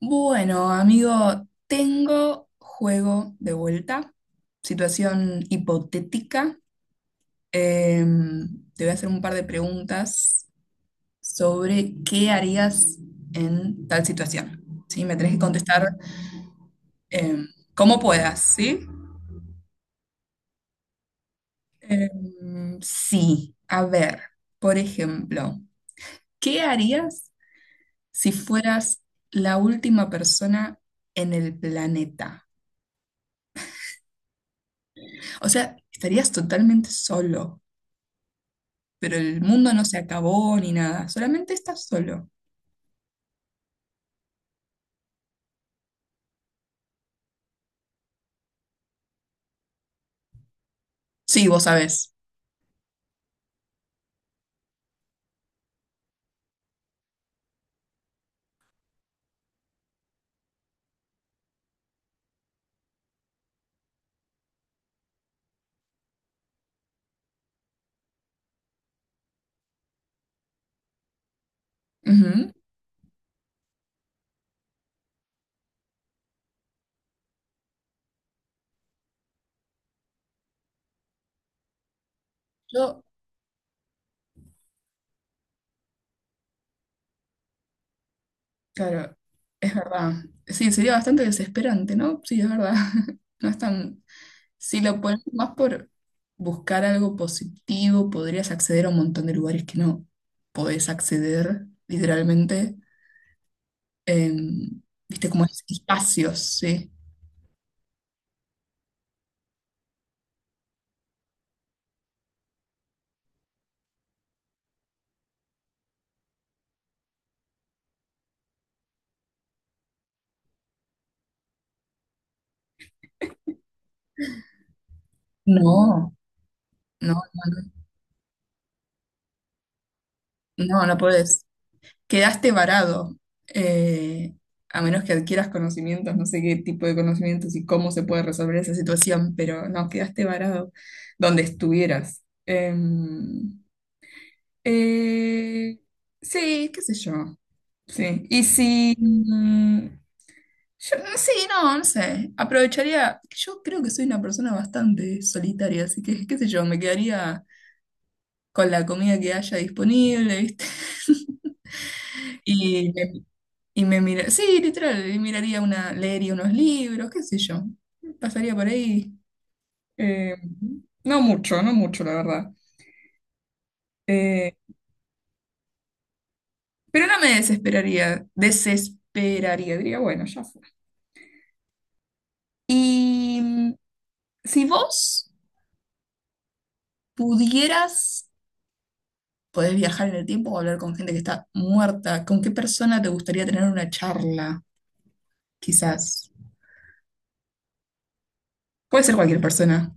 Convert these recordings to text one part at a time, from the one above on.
Bueno, amigo, tengo juego de vuelta, situación hipotética. Te voy a hacer un par de preguntas sobre qué harías en tal situación. ¿Sí? Me tenés que contestar em, como puedas, ¿sí? Sí, a ver, por ejemplo, ¿qué harías si fueras la última persona en el planeta? O sea, estarías totalmente solo, pero el mundo no se acabó ni nada, solamente estás solo. Sí, vos sabés. Ujú. Yo, claro, es verdad. Sí, sería bastante desesperante, ¿no? Sí, es verdad. No es tan. Si lo pones más por buscar algo positivo, podrías acceder a un montón de lugares que no podés acceder, literalmente. em, ¿Viste? Como espacios, sí. No, no, no, no, no podés. Quedaste varado, eh, a menos que adquieras conocimientos, no sé qué tipo de conocimientos y cómo se puede resolver esa situación, pero no, quedaste varado donde estuvieras. Eh, sí, qué sé yo, sí. Y si, yo, no, sí, no, no sé, aprovecharía, yo creo que soy una persona bastante solitaria, así que, qué sé yo, me quedaría con la comida que haya disponible, ¿viste? Y me Y me mira, sí, literal, y miraría una, leería unos libros, qué sé yo. Pasaría por ahí. eh, no mucho, no mucho, la verdad. Eh, pero no me desesperaría, desesperaría, diría, bueno, ya fue. Y si vos pudieras, podés viajar en el tiempo o hablar con gente que está muerta, ¿con qué persona te gustaría tener una charla? Quizás. Puede ser cualquier persona.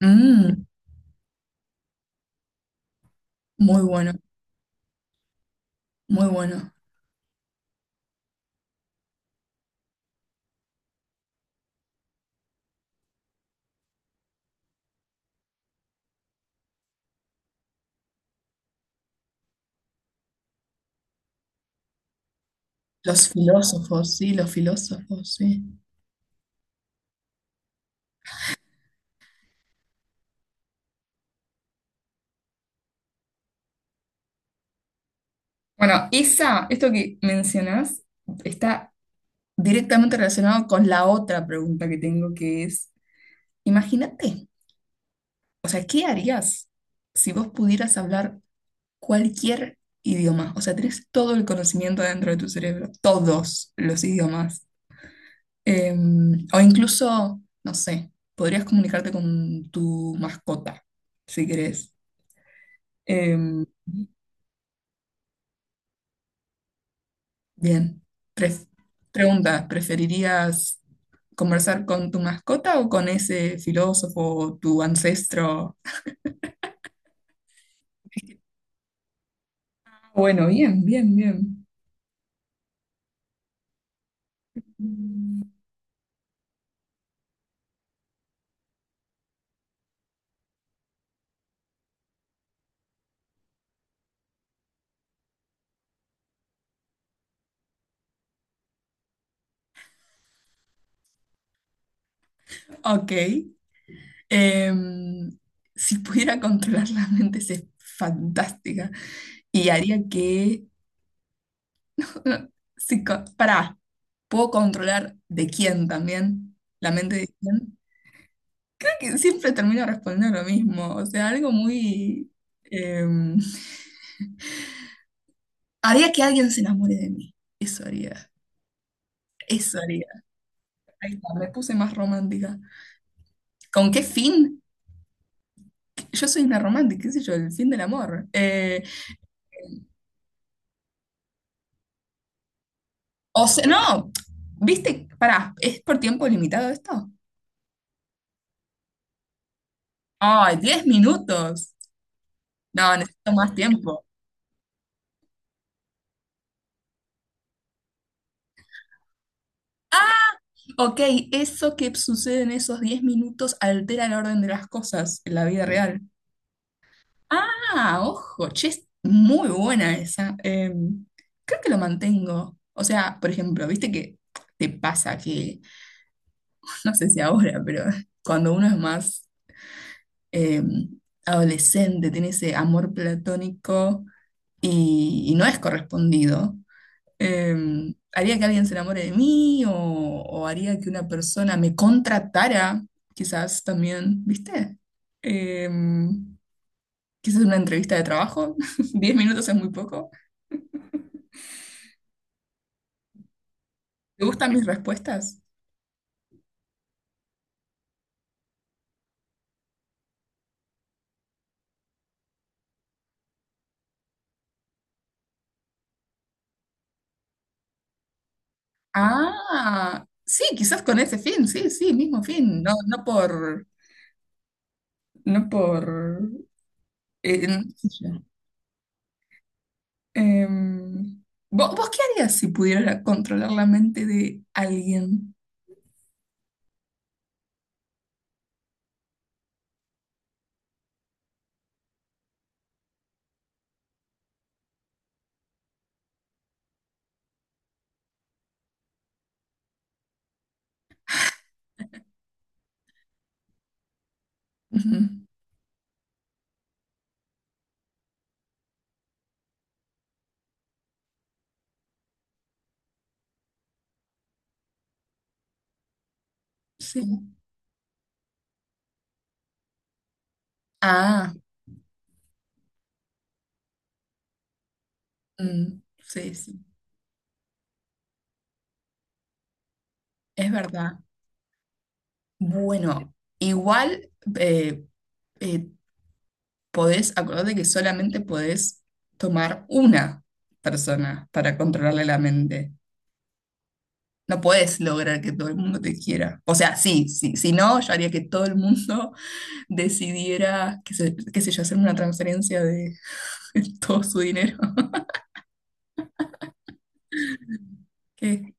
Mm, muy bueno, muy bueno. Los filósofos, sí, los filósofos, sí. Bueno, esa, esto que mencionás, está directamente relacionado con la otra pregunta que tengo, que es, imagínate, o sea, ¿qué harías si vos pudieras hablar cualquier idioma? O sea, tenés todo el conocimiento dentro de tu cerebro, todos los idiomas. Eh, o incluso, no sé, podrías comunicarte con tu mascota, si querés. Em, Bien. Pref- Pregunta, ¿preferirías conversar con tu mascota o con ese filósofo o tu ancestro? Ah, bueno, bien, bien, bien. Ok. Em, si pudiera controlar la mente, es fantástica. Y haría que. si co- Pará, ¿puedo controlar de quién también? ¿La mente de quién? Creo que siempre termino respondiendo lo mismo. O sea, algo muy... em, Haría que alguien se enamore de mí. Eso haría. Eso haría. Ahí está, me puse más romántica. ¿Con qué fin? Yo soy una romántica, qué sé yo, el fin del amor. O sea, no, viste, pará, ¿es por tiempo limitado esto? Ay, 10 minutos. No, necesito más tiempo. Ok, eso que sucede en esos 10 minutos altera el orden de las cosas en la vida real. Ah, ojo, che, es muy buena esa. Creo que lo mantengo. O sea, por ejemplo, viste que te pasa que, no sé si ahora, pero cuando uno es más eh, adolescente, tiene ese amor platónico y no es correspondido, eh, haría que alguien se enamore de mí o haría que una persona me contratara, quizás también, ¿viste? Eh, Quizás una entrevista de trabajo. 10 minutos es muy poco. ¿Te gustan mis respuestas? Ah, sí, quizás con ese fin, sí, sí, mismo fin, no, no por, no por, no sé yo. Em, ¿Vos, qué harías si pudieras controlar la mente de alguien? Ujú. Sí. Ah, mm, sí, sí, es verdad. Bueno, igual eh, eh, podés, acordate que solamente podés tomar una persona para controlarle la mente. No puedes lograr que todo el mundo te quiera. O sea, sí, sí, si no, yo haría que todo el mundo decidiera, qué sé yo, hacer una transferencia de todo su dinero. Que-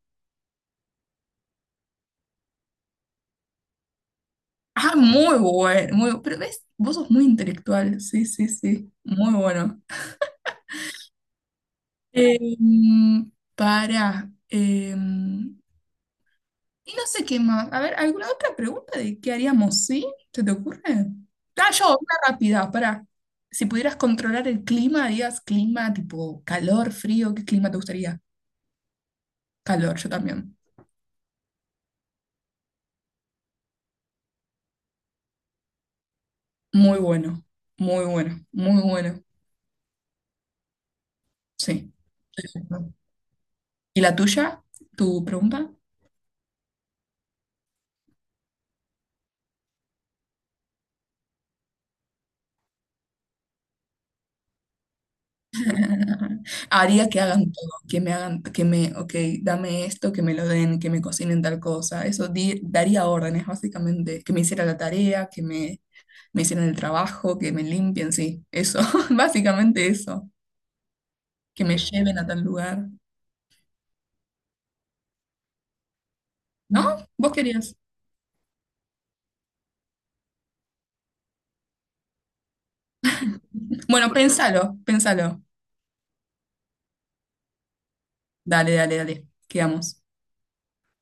Ah, muy bueno, muy, pero ves, vos sos muy intelectual, sí, sí, sí, muy bueno. Em, para, Y no sé qué más. A ver, ¿alguna otra pregunta de qué haríamos? ¿Sí? ¿Se te ocurre? Ah, yo, una rápida, pará. Si pudieras controlar el clima, harías clima tipo calor, frío, ¿qué clima te gustaría? Calor, yo también. Muy bueno, muy bueno, muy bueno. Sí, perfecto. ¿Y la tuya? ¿Tu pregunta? Haría que hagan todo, que me hagan, que me, ok, dame esto, que me lo den, que me cocinen tal cosa. Eso daría órdenes, básicamente, que me hiciera la tarea, que me hicieron el trabajo, que me limpien, sí, eso, básicamente eso, que me lleven a tal lugar. ¿No? ¿Vos querías? Bueno, pensalo, pensalo. Dale, dale, dale, quedamos.